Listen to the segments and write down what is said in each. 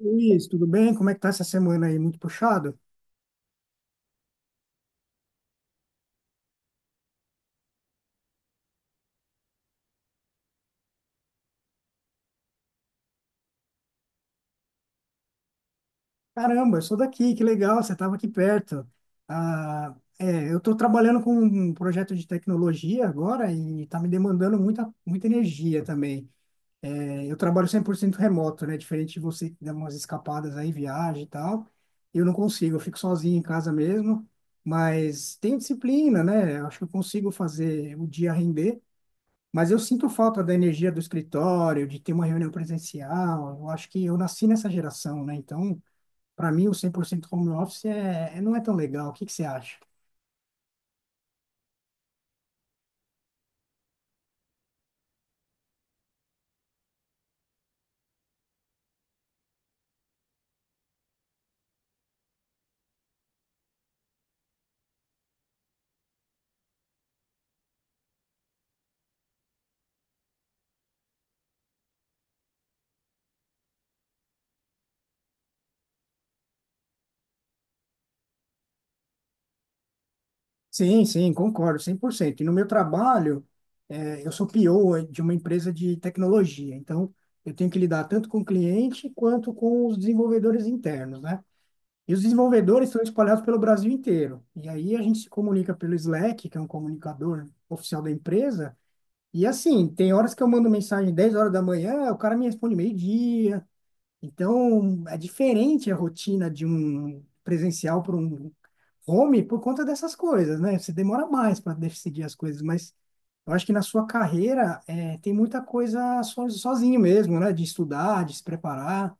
Luiz, tudo bem? Como é que tá essa semana aí? Muito puxado? Caramba, eu sou daqui, que legal, você estava aqui perto. Ah, é, eu estou trabalhando com um projeto de tecnologia agora e está me demandando muita, muita energia também. É, eu trabalho 100% remoto, né? Diferente de você que dá umas escapadas aí, viagem e tal. Eu não consigo, eu fico sozinho em casa mesmo, mas tenho disciplina, né? Eu acho que eu consigo fazer o dia render. Mas eu sinto falta da energia do escritório, de ter uma reunião presencial. Eu acho que eu nasci nessa geração, né? Então, para mim, o 100% home office não é tão legal. O que que você acha? Sim, sim, concordo, 100%. E no meu trabalho, eu sou PO de uma empresa de tecnologia. Então, eu tenho que lidar tanto com o cliente quanto com os desenvolvedores internos, né? E os desenvolvedores estão espalhados pelo Brasil inteiro. E aí a gente se comunica pelo Slack, que é um comunicador oficial da empresa. E assim, tem horas que eu mando mensagem 10 horas da manhã, o cara me responde meio-dia. Então, é diferente a rotina de um presencial para um home por conta dessas coisas, né? Você demora mais para decidir as coisas, mas eu acho que na sua carreira é, tem muita coisa sozinho mesmo, né? De estudar, de se preparar.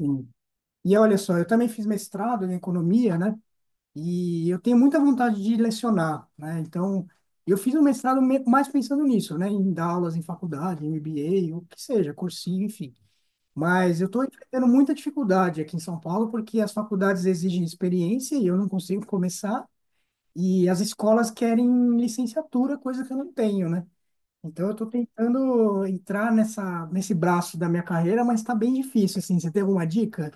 Sim. E olha só, eu também fiz mestrado em economia, né? E eu tenho muita vontade de lecionar, né? Então, eu fiz um mestrado mais pensando nisso, né? Em dar aulas em faculdade, em MBA, o que seja, cursinho, enfim. Mas eu estou enfrentando muita dificuldade aqui em São Paulo porque as faculdades exigem experiência e eu não consigo começar. E as escolas querem licenciatura, coisa que eu não tenho, né? Então, eu estou tentando entrar nesse braço da minha carreira, mas está bem difícil, assim. Você tem alguma dica?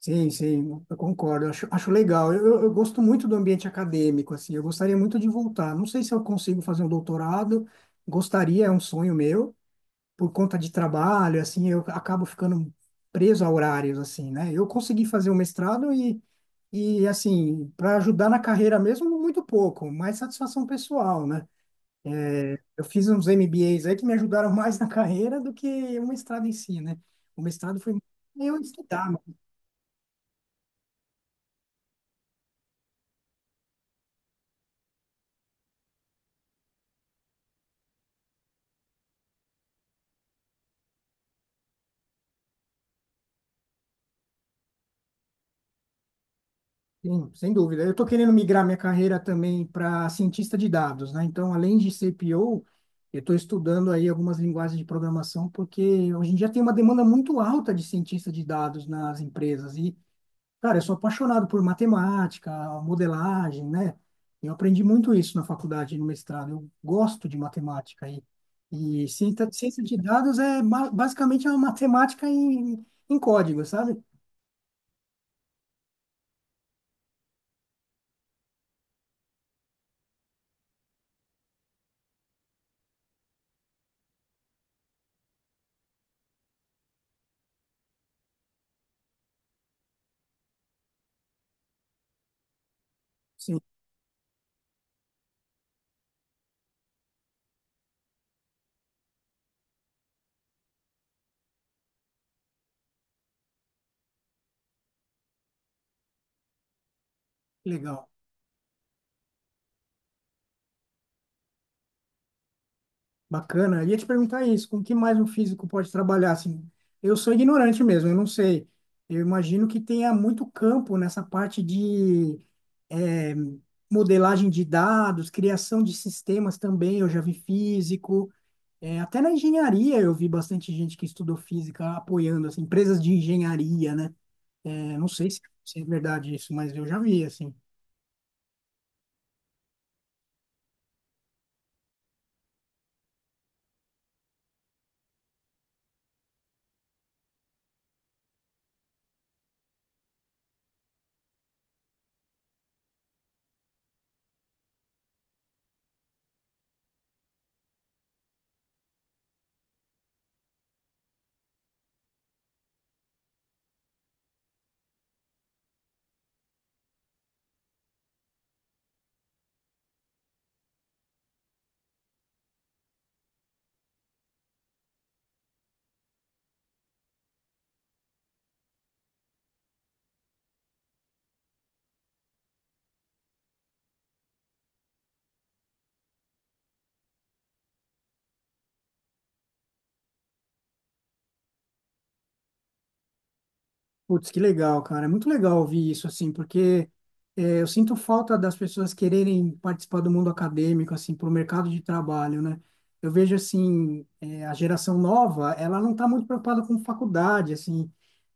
Sim, sim, eu concordo, eu acho legal. Eu gosto muito do ambiente acadêmico, assim, eu gostaria muito de voltar. Não sei se eu consigo fazer um doutorado, gostaria, é um sonho meu, por conta de trabalho, assim, eu acabo ficando preso a horários, assim, né? Eu consegui fazer um mestrado e assim, para ajudar na carreira mesmo, muito pouco, mais satisfação pessoal, né? Eu fiz uns MBAs aí que me ajudaram mais na carreira do que o mestrado em si, né? O mestrado foi eu estudar. Sim, sem dúvida. Eu estou querendo migrar minha carreira também para cientista de dados, né? Então, além de CPO, eu estou estudando aí algumas linguagens de programação, porque hoje em dia tem uma demanda muito alta de cientista de dados nas empresas. E, cara, eu sou apaixonado por matemática, modelagem, né? Eu aprendi muito isso na faculdade, no mestrado. Eu gosto de matemática. E ciência, ciência de dados é basicamente é uma matemática em, em código, sabe? Sim, legal. Bacana. Eu ia te perguntar isso, com o que mais um físico pode trabalhar assim? Eu sou ignorante mesmo, eu não sei. Eu imagino que tenha muito campo nessa parte de eh, modelagem de dados, criação de sistemas também, eu já vi físico. Até na engenharia eu vi bastante gente que estudou física apoiando, assim, empresas de engenharia, né? Não sei se é verdade isso, mas eu já vi, assim. Putz, que legal, cara. É muito legal ouvir isso, assim, porque é, eu sinto falta das pessoas quererem participar do mundo acadêmico, assim, para o mercado de trabalho, né? Eu vejo, assim, é, a geração nova, ela não está muito preocupada com faculdade, assim,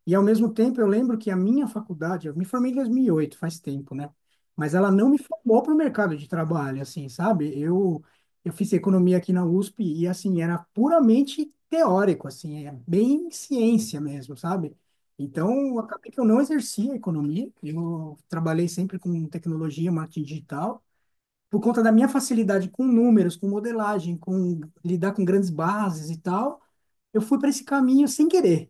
e ao mesmo tempo eu lembro que a minha faculdade, eu me formei em 2008, faz tempo, né? Mas ela não me formou para o mercado de trabalho, assim, sabe? Eu fiz economia aqui na USP e, assim, era puramente teórico, assim, é bem ciência mesmo, sabe? Então, acabei que eu não exerci a economia, eu trabalhei sempre com tecnologia, marketing digital, por conta da minha facilidade com números, com modelagem, com lidar com grandes bases e tal, eu fui para esse caminho sem querer.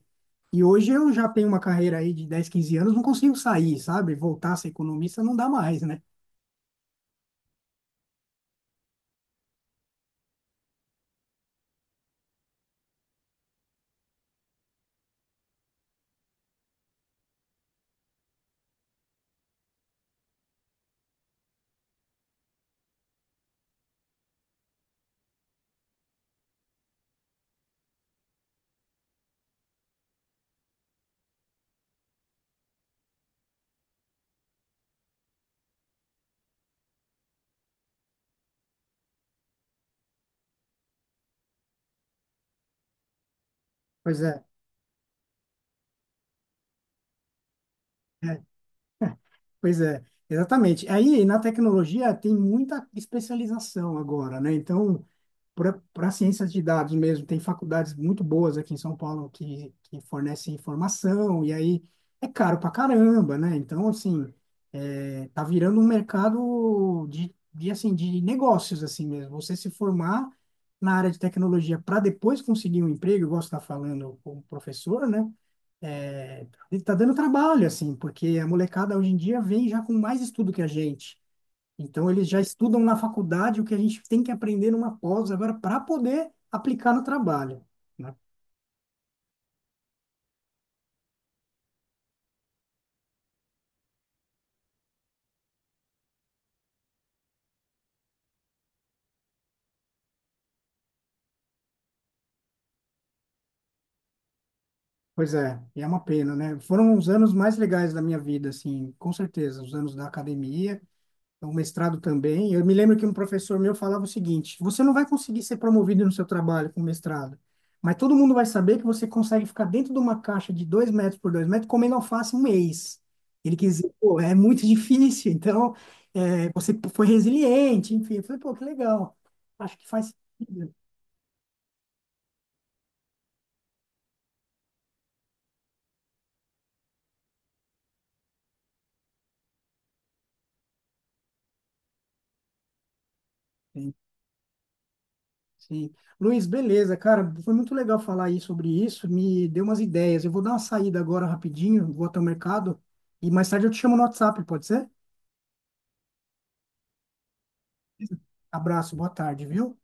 E hoje eu já tenho uma carreira aí de 10, 15 anos, não consigo sair, sabe? Voltar a ser economista não dá mais, né? Pois é, é, pois é, exatamente. Aí na tecnologia tem muita especialização agora, né? Então, para ciências de dados mesmo, tem faculdades muito boas aqui em São Paulo que fornecem informação, e aí é caro pra caramba, né? Então, assim, é, tá virando um mercado de, assim, de negócios, assim mesmo. Você se formar na área de tecnologia para depois conseguir um emprego, igual você está falando como professor, né? É, tá dando trabalho, assim, porque a molecada hoje em dia vem já com mais estudo que a gente. Então, eles já estudam na faculdade o que a gente tem que aprender numa pós agora para poder aplicar no trabalho, né? Pois é, e é uma pena, né? Foram os anos mais legais da minha vida, assim, com certeza, os anos da academia, o mestrado também. Eu me lembro que um professor meu falava o seguinte: você não vai conseguir ser promovido no seu trabalho com mestrado, mas todo mundo vai saber que você consegue ficar dentro de uma caixa de 2 metros por 2 metros comendo alface um mês. Ele quis dizer, pô, é muito difícil, então é, você foi resiliente, enfim. Eu falei, pô, que legal. Acho que faz sentido. Sim, sim. Luiz, beleza, cara, foi muito legal falar aí sobre isso, me deu umas ideias. Eu vou dar uma saída agora rapidinho, vou até o mercado e mais tarde eu te chamo no WhatsApp, pode ser? Abraço, boa tarde, viu?